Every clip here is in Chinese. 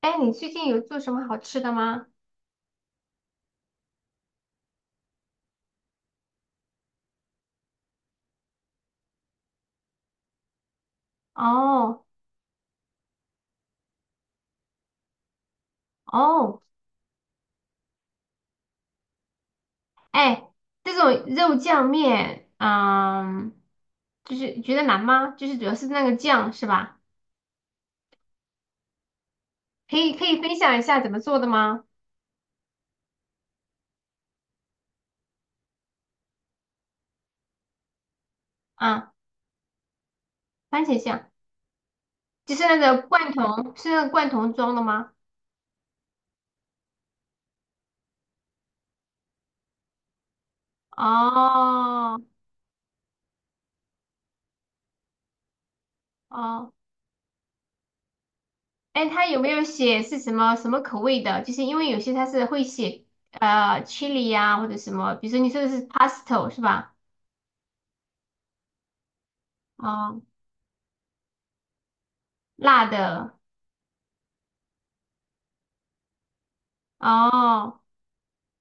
哎，你最近有做什么好吃的吗？哦哦，哎，这种肉酱面，嗯，就是觉得难吗？就是主要是那个酱是吧？可以分享一下怎么做的吗？啊，番茄酱，就是那个罐头，是那个罐头装的吗？哦哦，哎，它有没有写是什么什么口味的？就是因为有些它是会写chili 呀、或者什么，比如说你说的是 p a s t o 是吧？哦，辣的。哦，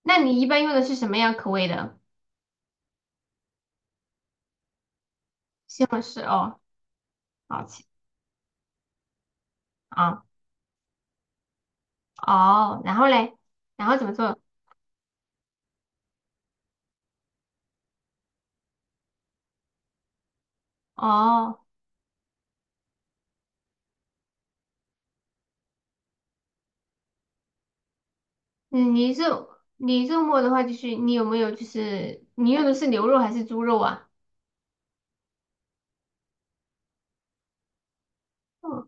那你一般用的是什么样口味的？西红柿哦，好吃，啊，哦，然后嘞，然后怎么做？哦，嗯你肉你肉末的话，就是你有没有就是你用的是牛肉还是猪肉啊？哦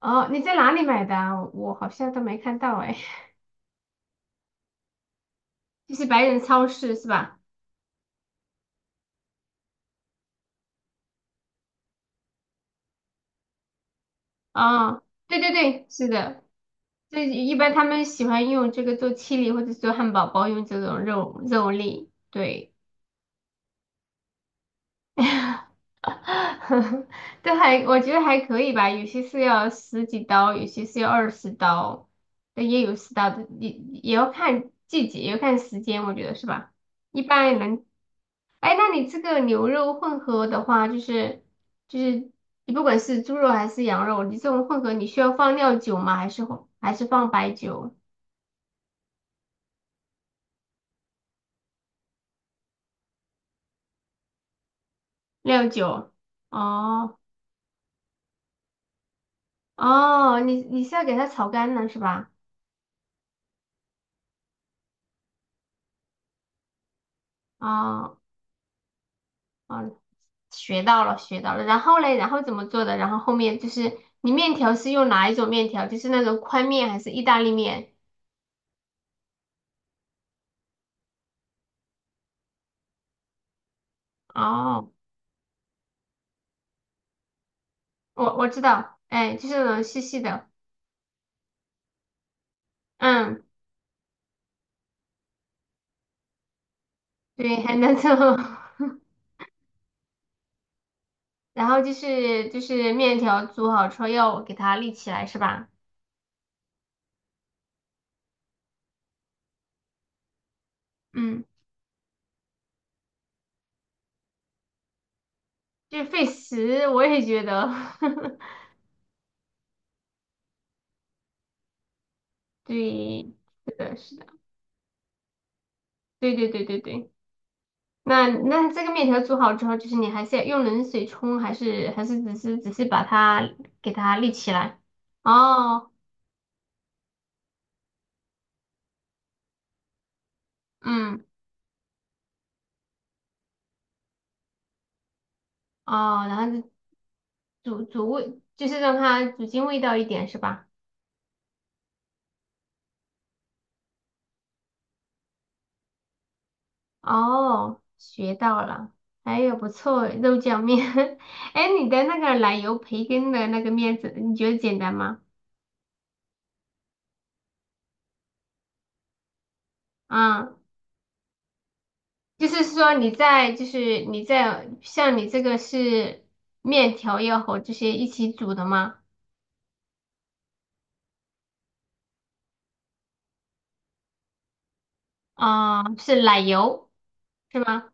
哦，你在哪里买的啊？我好像都没看到哎，就是白人超市是吧？哦，对对对，是的，这一般他们喜欢用这个做七里或者做汉堡包，用这种肉粒，对。对，还我觉得还可以吧，有些是要十几刀，有些是要二十刀，但也有十刀的，也要看季节，也要看时间，我觉得是吧？一般人，哎，那你这个牛肉混合的话，就是你不管是猪肉还是羊肉，你这种混合，你需要放料酒吗？还是放白酒？料酒？哦哦，你是要给它炒干了是吧？哦。哦，学到了，学到了。然后嘞，然后怎么做的？然后后面就是你面条是用哪一种面条？就是那种宽面还是意大利面？哦，我知道，哎，就是那种细细的，嗯，对，很难做。然后就是面条煮好之后要给它立起来，是吧？嗯，就是费时，我也觉得，对，是的，是的，对对对对对。那那这个面条煮好之后，就是你还是要用冷水冲，还是只是把它给它立起来？哦，嗯，哦，然后煮煮味，就是让它煮进味道一点，是吧？哦，学到了，哎呦，不错，肉酱面。哎，你的那个奶油培根的那个面子，你觉得简单吗？啊、就是说你在像你这个是面条要和这些一起煮的吗？啊、是奶油是吗？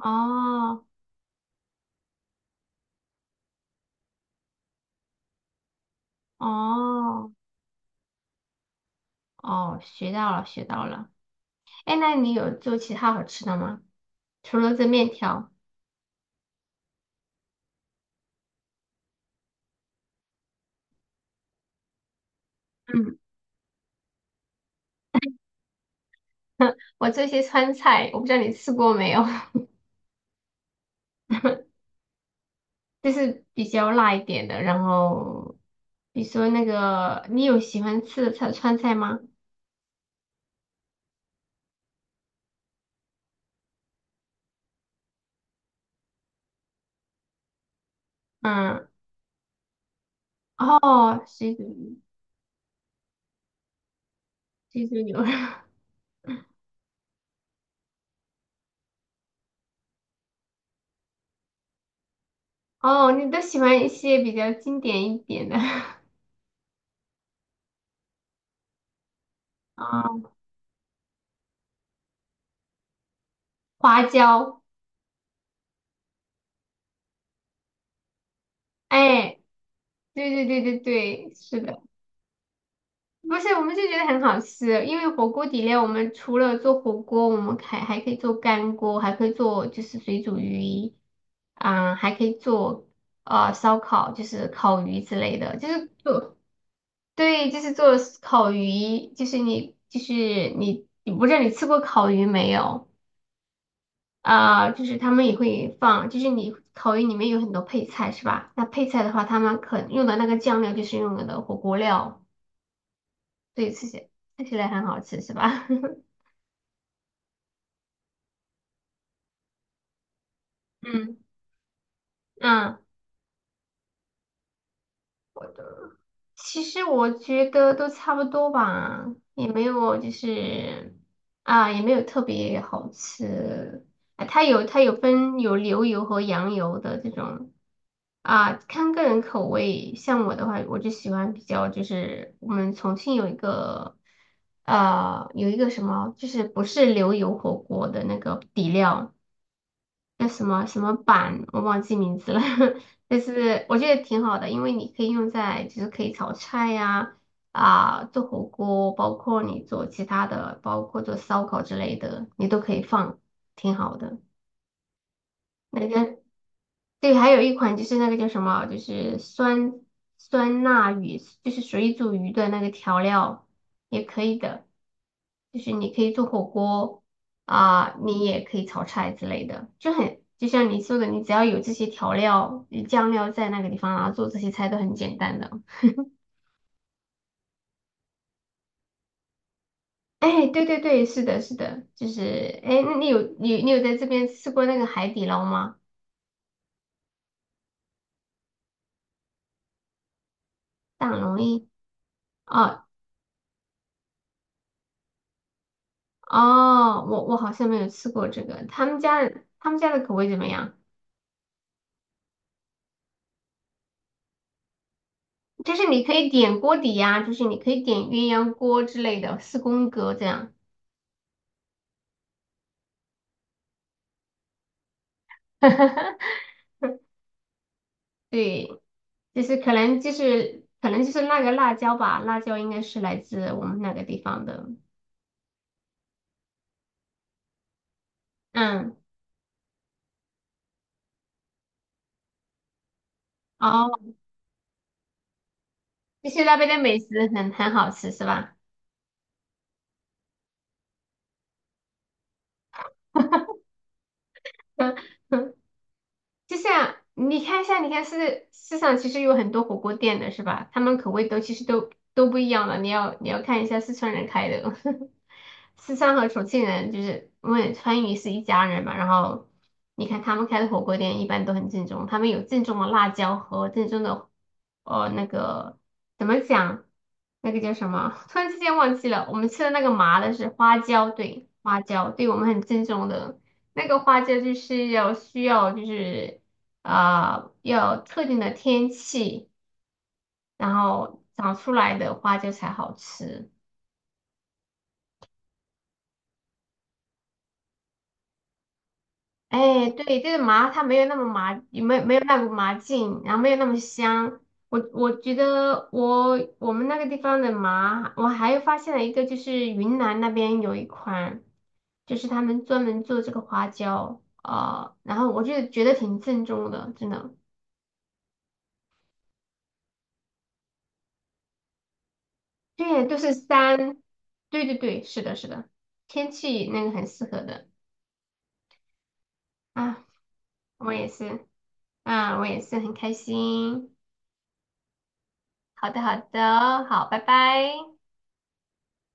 哦哦哦，学到了。哎，那你有做其他好吃的吗？除了这面条，嗯，我做一些川菜，我不知道你吃过没有，就是比较辣一点的。然后，比如说那个，你有喜欢吃的川菜吗？嗯，哦，水煮水煮牛肉，哦，你都喜欢一些比较经典一点的，啊、花椒，哎。对对对对对，是的，不是我们就觉得很好吃，因为火锅底料我们除了做火锅，我们还可以做干锅，还可以做就是水煮鱼，啊、还可以做烧烤，就是烤鱼之类的，就是做对，就是做烤鱼，就是你，我不知道你吃过烤鱼没有啊、就是他们也会放，就是你烤鱼里面有很多配菜是吧？那配菜的话，他们可用的那个酱料就是用的火锅料。对，吃起看起来很好吃是吧？嗯嗯，我的其实我觉得都差不多吧，也没有就是啊，也没有特别好吃。啊它有分有牛油和羊油的这种啊，看个人口味。像我的话，我就喜欢比较就是我们重庆有一个有一个什么，就是不是牛油火锅的那个底料。那什么什么板，我忘记名字了，但是我觉得挺好的，因为你可以用在就是可以炒菜呀、啊，做火锅，包括你做其他的，包括做烧烤之类的，你都可以放，挺好的。那个对，还有一款就是那个叫什么，就是酸辣鱼，就是水煮鱼的那个调料也可以的，就是你可以做火锅啊、你也可以炒菜之类的，就很就像你说的，你只要有这些调料、酱料在那个地方，然后做这些菜都很简单的。哎，对对对，是的，是的，就是哎，那你有你有在这边吃过那个海底捞吗？大龙燚啊。哦哦，我好像没有吃过这个，他们家的口味怎么样？就是你可以点锅底呀、就是你可以点鸳鸯锅之类的，四宫格这样。对，就是可能就是那个辣椒吧，辣椒应该是来自我们那个地方的。嗯，哦，就是那边的美食很好吃是吧？就像你看一下，你看市场其实有很多火锅店的是吧？他们口味都其实都都不一样的。你要看一下四川人开的，四川和重庆人就是因为川渝是一家人嘛。然后你看他们开的火锅店一般都很正宗，他们有正宗的辣椒和正宗的那个怎么讲？那个叫什么？突然之间忘记了。我们吃的那个麻的是花椒，对，花椒，对我们很正宗的。那个花椒就是要需要就是啊、要特定的天气，然后长出来的花椒才好吃。哎，对，这个麻它没有那么麻，也没有那股麻劲，然后没有那么香。我觉得我们那个地方的麻，我还发现了一个，就是云南那边有一款，就是他们专门做这个花椒，然后我就觉得挺正宗的，真的。对，都是山，对对对，是的，是的，天气那个很适合的啊，我也是，啊，我也是很开心。好的，好的，好，拜拜。